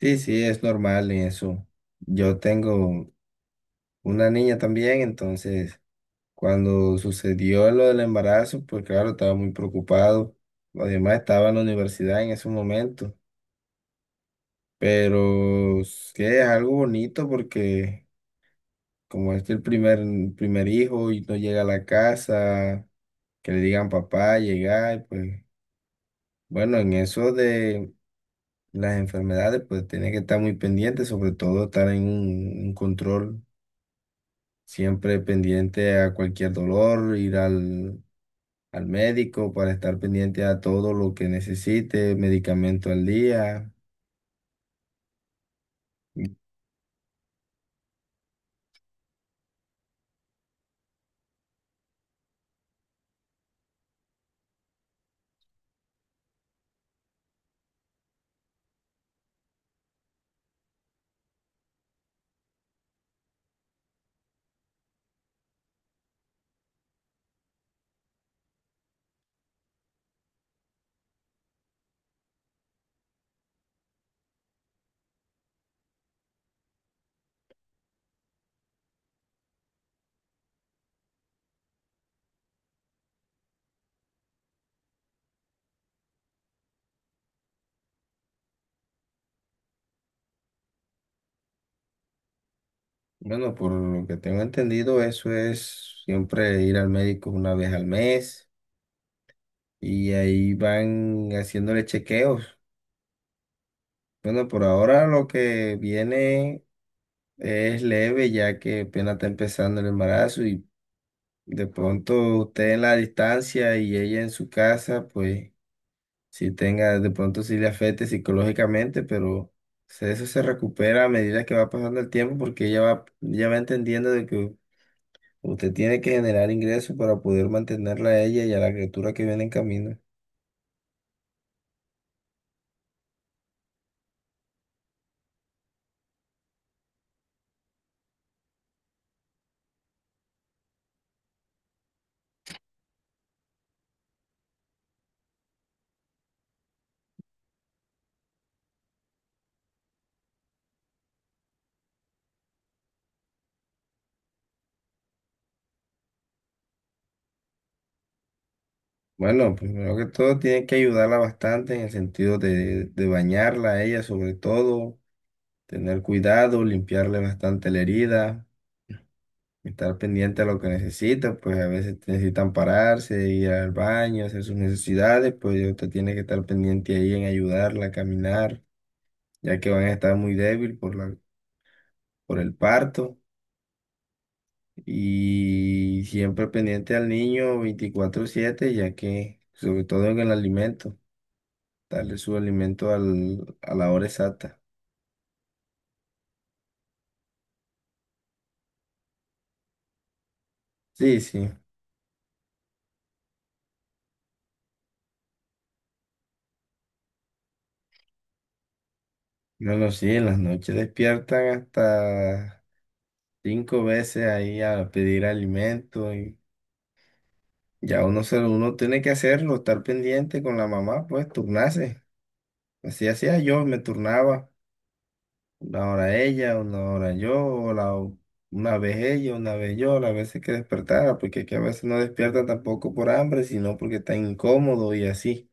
Sí, sí, es normal en eso. Yo tengo una niña también, entonces cuando sucedió lo del embarazo, pues claro, estaba muy preocupado. Además estaba en la universidad en ese momento, pero es que es algo bonito porque como este es el primer hijo y no llega a la casa, que le digan papá, llega, y pues bueno, en eso de las enfermedades, pues tiene que estar muy pendiente, sobre todo estar en un control siempre pendiente a cualquier dolor, ir al, al médico para estar pendiente a todo lo que necesite, medicamento al día. Y, Bueno, por lo que tengo entendido, eso es siempre ir al médico una vez al mes y ahí van haciéndole chequeos. Bueno, por ahora lo que viene es leve ya que apenas está empezando el embarazo y de pronto usted en la distancia y ella en su casa, pues... si tenga, de pronto si le afecte psicológicamente, pero eso se recupera a medida que va pasando el tiempo porque ella va entendiendo de que usted tiene que generar ingresos para poder mantenerla a ella y a la criatura que viene en camino. Bueno, primero que todo tiene que ayudarla bastante en el sentido de bañarla a ella sobre todo, tener cuidado, limpiarle bastante la herida. Estar pendiente a lo que necesitan, pues a veces necesitan pararse, ir al baño, hacer sus necesidades, pues usted tiene que estar pendiente ahí en ayudarla a caminar, ya que van a estar muy débil por el parto y siempre pendiente al niño 24/7, ya que sobre todo en el alimento, darle su alimento al, a la hora exacta. Sí, sí. Bueno, sí, en las noches despiertan hasta cinco veces ahí a pedir alimento y ya uno tiene que hacerlo, estar pendiente con la mamá, pues turnarse. Así hacía yo, me turnaba una hora ella, una hora yo, una vez ella, una vez yo, las veces que despertara, porque es que a veces no despierta tampoco por hambre, sino porque está incómodo y así.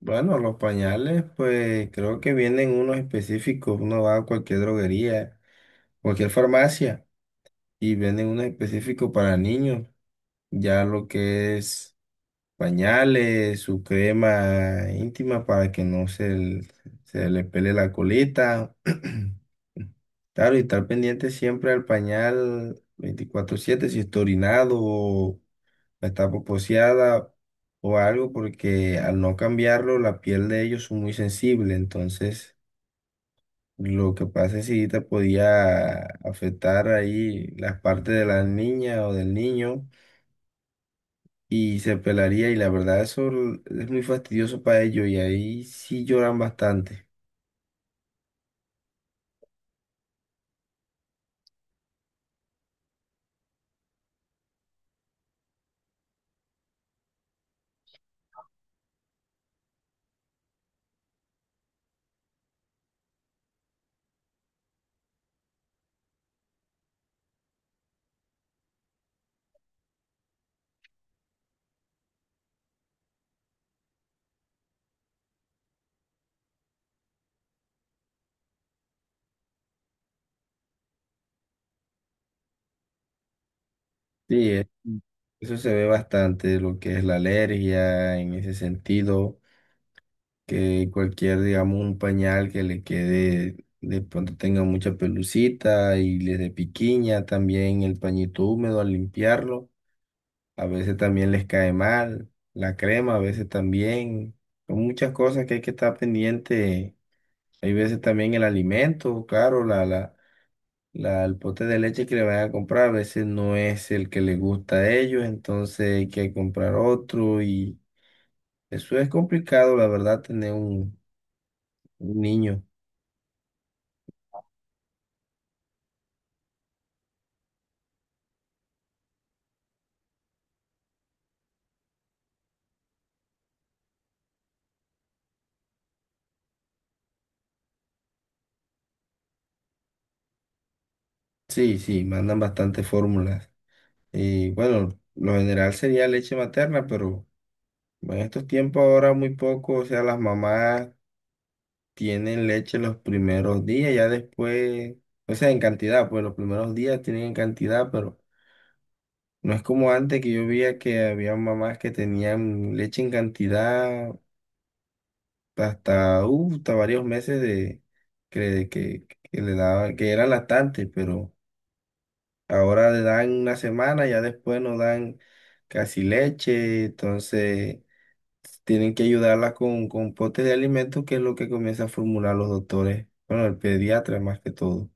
Bueno, los pañales, pues creo que vienen unos específicos, uno va a cualquier droguería, cualquier farmacia, y venden unos específicos para niños, ya lo que es... pañales, su crema íntima para que no se, l- se le pele la colita. Claro, y estar pendiente siempre al pañal 24/7 si está orinado o está poposeada o algo, porque al no cambiarlo la piel de ellos es muy sensible, entonces lo que pasa es que sí te podía afectar ahí las partes de la niña o del niño y se pelaría y la verdad eso es muy fastidioso para ellos y ahí sí lloran bastante. Sí, eso se ve bastante lo que es la alergia en ese sentido, que cualquier, digamos, un pañal que le quede, de pronto tenga mucha pelucita y les dé piquiña, también el pañito húmedo al limpiarlo, a veces también les cae mal, la crema a veces también, son muchas cosas que hay que estar pendiente. Hay veces también el alimento, claro, el pote de leche que le van a comprar a veces no es el que les gusta a ellos, entonces hay que comprar otro y eso es complicado, la verdad, tener un niño. Sí, sí, mandan bastantes fórmulas. Y bueno, lo general sería leche materna, pero en estos tiempos ahora muy poco, o sea, las mamás tienen leche los primeros días, ya después, o sea, en cantidad, pues los primeros días tienen en cantidad, pero... No es como antes que yo veía que había mamás que tenían leche en cantidad hasta varios meses de que, que, que le daban, que eran lactantes, pero ahora le dan una semana, ya después no dan casi leche, entonces tienen que ayudarla con potes de alimentos, que es lo que comienza a formular los doctores, bueno, el pediatra más que todo.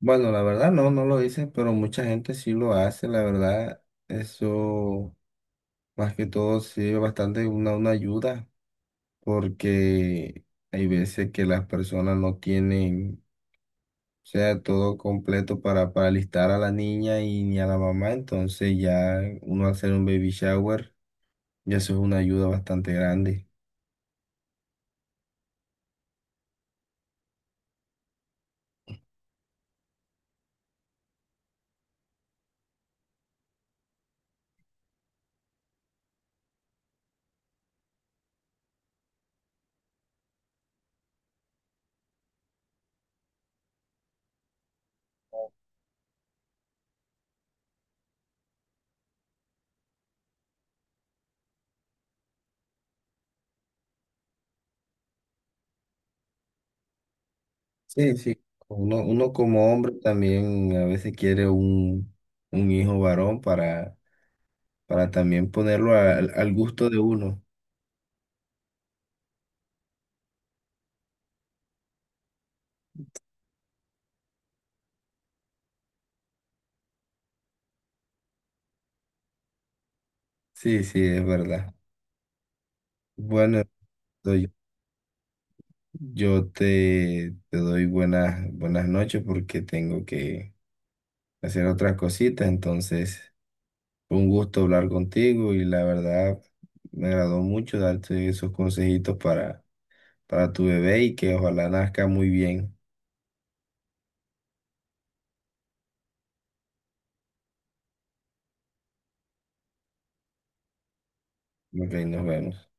Bueno, la verdad no, no lo hice, pero mucha gente sí lo hace, la verdad, eso. Más que todo sirve bastante una ayuda porque hay veces que las personas no tienen, o sea, todo completo para alistar a la niña y ni a la mamá, entonces ya uno hacer un baby shower, ya eso es una ayuda bastante grande. Sí, sí. Uno como hombre también a veces quiere un hijo varón para también ponerlo al gusto de uno. Sí, sí, es verdad. Bueno, yo te doy buenas noches porque tengo que hacer otras cositas. Entonces, fue un gusto hablar contigo y la verdad me agradó mucho darte esos consejitos para tu bebé y que ojalá nazca muy bien. Ok, nos vemos.